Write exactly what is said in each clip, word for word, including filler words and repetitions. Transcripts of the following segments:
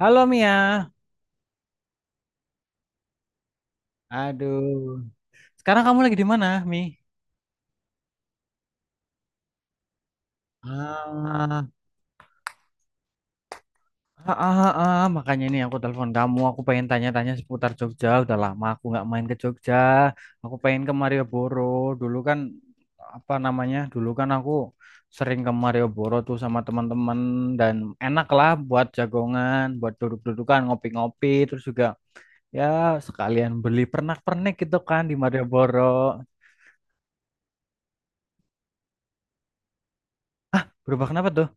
Halo Mia. Aduh. Sekarang kamu lagi di mana, Mi? Ah, ah, ah, ah, Makanya nih aku telepon kamu. Aku pengen tanya-tanya seputar Jogja. Udah lama aku nggak main ke Jogja. Aku pengen ke Malioboro. Dulu kan apa namanya? Dulu kan aku sering ke Malioboro tuh sama teman-teman dan enak lah buat jagongan, buat duduk-dudukan, ngopi-ngopi, terus juga ya sekalian beli pernak-pernik gitu kan di Malioboro. Berubah kenapa tuh?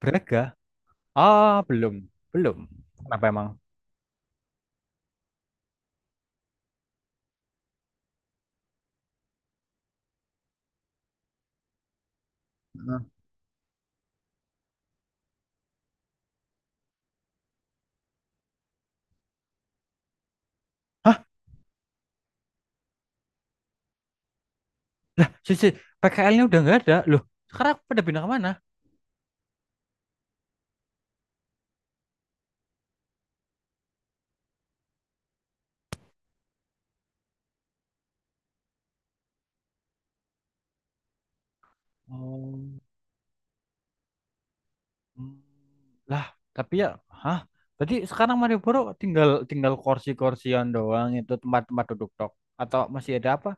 Braga? Ah, belum. Belum. Kenapa emang? Heeh. Hah? Si, si P K L-nya udah nggak ada. Loh, sekarang pada pindah kemana? Oh. Hmm. Lah, tapi ya, hah? Berarti sekarang Malioboro tinggal tinggal kursi-kursian doang itu tempat-tempat duduk tok atau masih ada apa?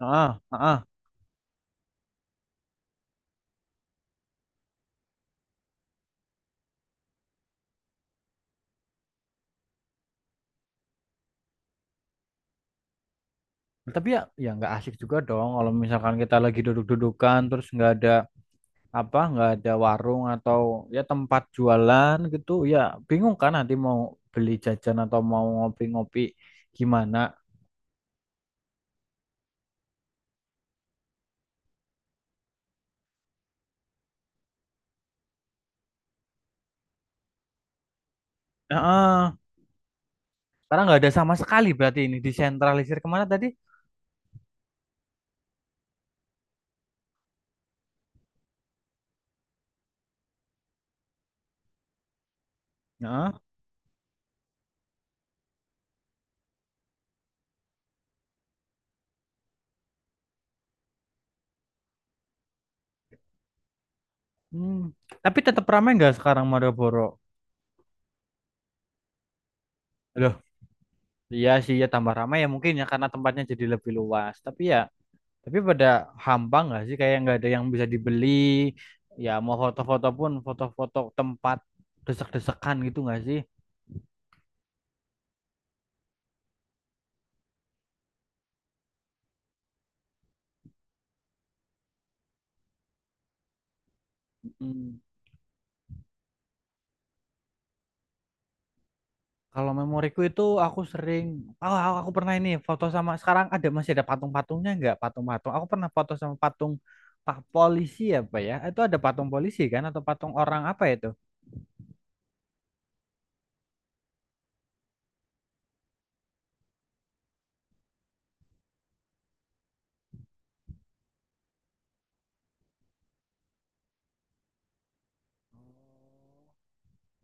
Ah, ah, ah. Tapi ya, ya nggak asik juga dong kalau misalkan kita lagi duduk-dudukan terus nggak ada apa nggak ada warung atau ya tempat jualan gitu ya bingung kan nanti mau beli jajan atau mau ngopi-ngopi gimana. Heeh, karena nggak ada sama sekali berarti ini disentralisir kemana tadi. Heeh. Hmm, tapi tetap ramai nggak sekarang Malioboro? Loh, iya sih ya tambah ramai ya mungkin ya karena tempatnya jadi lebih luas tapi ya tapi pada hampa nggak sih kayak nggak ada yang bisa dibeli, ya mau foto-foto pun foto-foto tempat desek-desekan gitu nggak sih? Mm. Kalau memoriku itu aku sering, oh, aku aku pernah ini foto sama sekarang ada masih ada patung-patungnya nggak patung-patung? Aku pernah foto sama patung pak polisi apa ya? Itu ada patung polisi kan atau patung orang apa itu?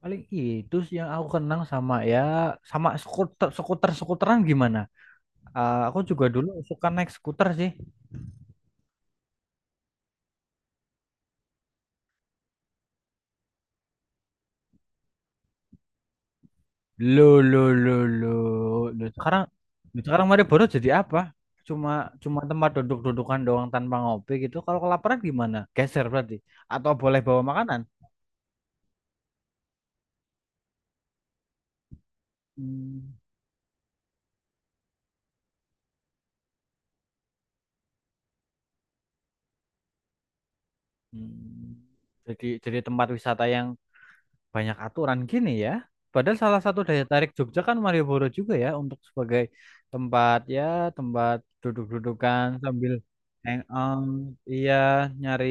Paling itu sih yang aku kenang sama ya sama skuter skuter skuteran gimana? Eh, aku juga dulu suka naik skuter sih. Lo lo lo lo. Lo sekarang lo sekarang Malioboro jadi apa? Cuma cuma tempat duduk-dudukan doang tanpa ngopi gitu. Kalau kelaparan gimana? Geser berarti. Atau boleh bawa makanan? Hmm. Hmm. Jadi jadi tempat wisata yang banyak aturan gini ya. Padahal salah satu daya tarik Jogja kan Malioboro juga ya untuk sebagai tempat ya tempat duduk-dudukan sambil hangout, iya, nyari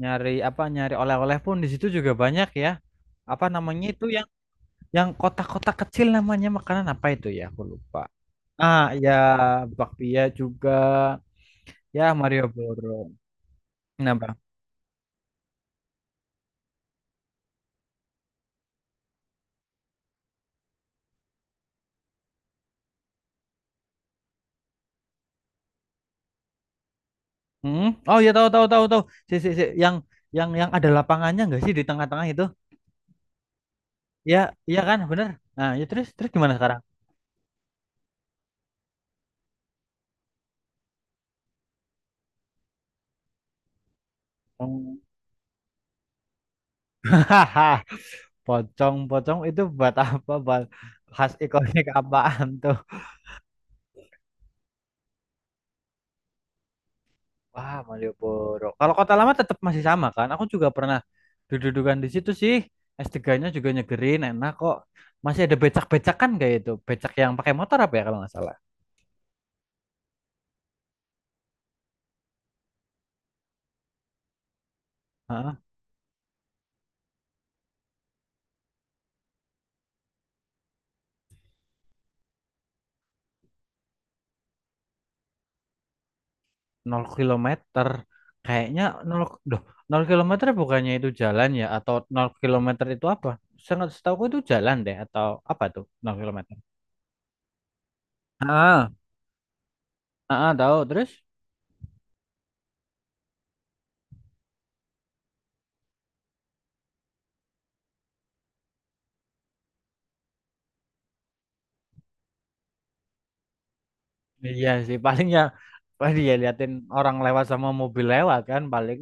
nyari apa nyari oleh-oleh pun di situ juga banyak ya. Apa namanya itu yang yang kotak-kotak kecil namanya makanan apa itu ya aku lupa. Ah ya, bakpia juga ya Malioboro. Kenapa? Hmm? Oh ya, tahu tahu tahu tahu. Si, si, si. Yang yang yang ada lapangannya nggak sih di tengah-tengah itu? Iya, iya kan, bener. Nah, ya terus terus gimana sekarang? Hmm. Pocong, pocong itu buat apa? Buat khas ikonik apaan tuh? Wah, Malioboro. Kalau Kota Lama tetap masih sama kan? Aku juga pernah dudukan di situ sih. S tiga-nya juga nyegerin, enak kok. Masih ada becak-becak kan kayak itu. Becak yang pakai motor apa ya kalau nggak salah? Nol kilometer. Kayaknya nol, duh, nol kilometer bukannya itu jalan ya atau nol kilometer itu apa? Sangat setahu itu jalan deh atau apa tuh nol kilometer? Ah, ah, ah, tahu terus? Iya sih paling ya paling ya liatin orang lewat sama mobil lewat kan paling.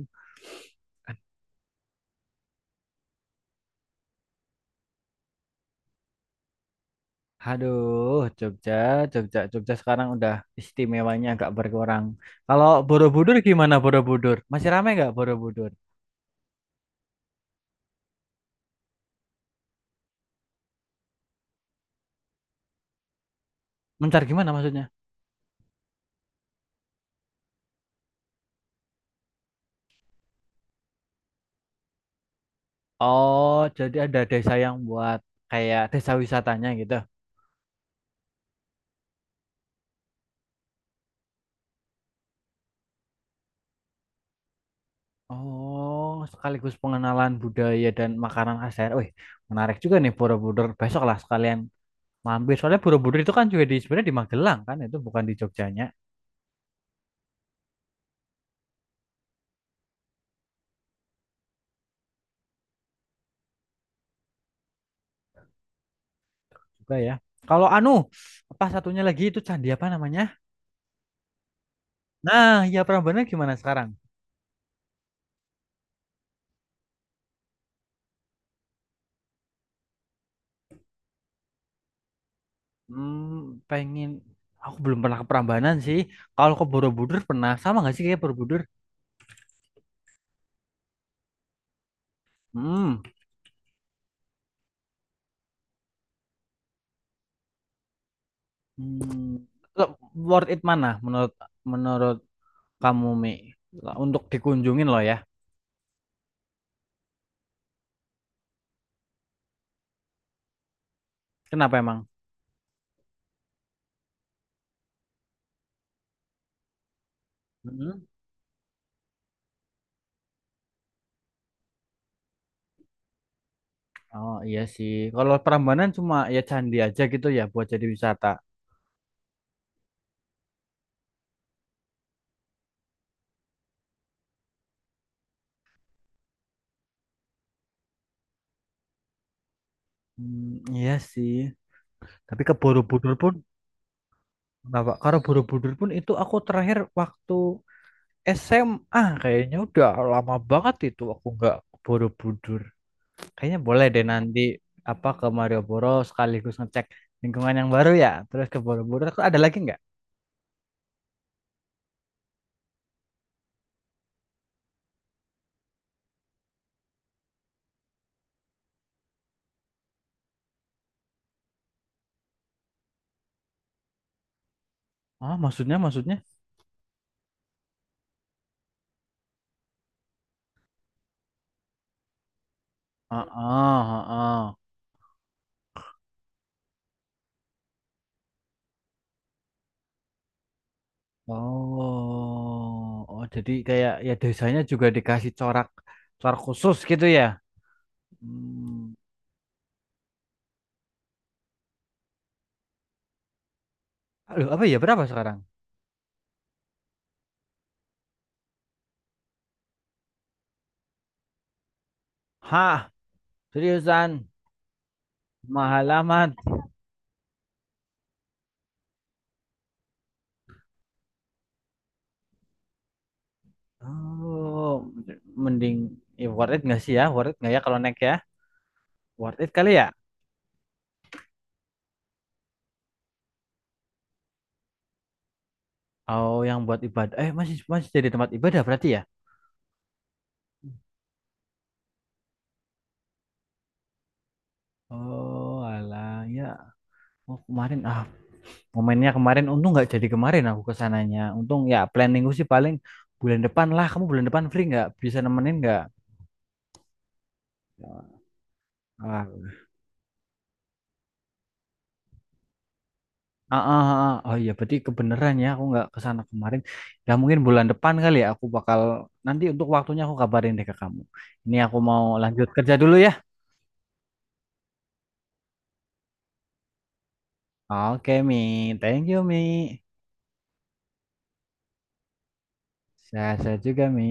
Aduh, Jogja, Jogja, Jogja sekarang udah istimewanya agak berkurang. Kalau Borobudur gimana Borobudur? Masih ramai nggak Borobudur? Mencar gimana maksudnya? Oh, jadi ada desa yang buat kayak desa wisatanya gitu. Oh, sekaligus pengenalan budaya dan makanan khas daerah. Wih, menarik juga nih Borobudur. Besok lah sekalian mampir. Soalnya Borobudur itu kan juga di sebenarnya di Magelang kan, itu bukan di Jogjanya juga ya. Kalau anu, apa satunya lagi itu candi apa namanya? Nah, ya Prambanan gimana sekarang? Hmm, pengen, aku belum pernah ke Prambanan sih. Kalau ke Borobudur pernah sama nggak sih kayak Borobudur? Hmm. Hmm, lo- worth it mana menurut menurut kamu Mi? Lo- untuk dikunjungin loh ya. Kenapa emang? Mhm. Oh iya sih. Kalau Prambanan cuma ya candi aja gitu ya buat jadi wisata. Hmm, iya sih. Tapi ke Borobudur pun kenapa? Karena Borobudur pun itu aku terakhir waktu S M A kayaknya udah lama banget itu aku nggak ke Borobudur. Kayaknya boleh deh nanti apa ke Malioboro sekaligus ngecek lingkungan yang baru ya. Terus ke Borobudur. Terus ada lagi nggak? Ah, maksudnya, maksudnya? Ah, ah, ah, ah. Oh, oh, jadi kayak ya desanya juga dikasih corak, corak khusus gitu ya? Hmm. Aduh, apa ya? Berapa sekarang? Hah, seriusan? Mahal amat. Oh, mending ya worth it nggak sih ya? Worth it nggak ya kalau naik ya? Worth it kali ya? Oh, yang buat ibadah. Eh, masih masih jadi tempat ibadah berarti ya? Oh, alah ya. Oh, kemarin ah momennya kemarin untung nggak jadi, kemarin aku kesananya untung ya, planning gue sih paling bulan depan lah, kamu bulan depan free nggak, bisa nemenin nggak? ah, ah, ah, ah. Oh iya berarti kebeneran ya aku nggak kesana kemarin, ya mungkin bulan depan kali ya aku bakal, nanti untuk waktunya aku kabarin deh ke kamu. Ini aku mau lanjut kerja dulu ya. Oke Mi, thank you Mi. Sehat-sehat juga Mi.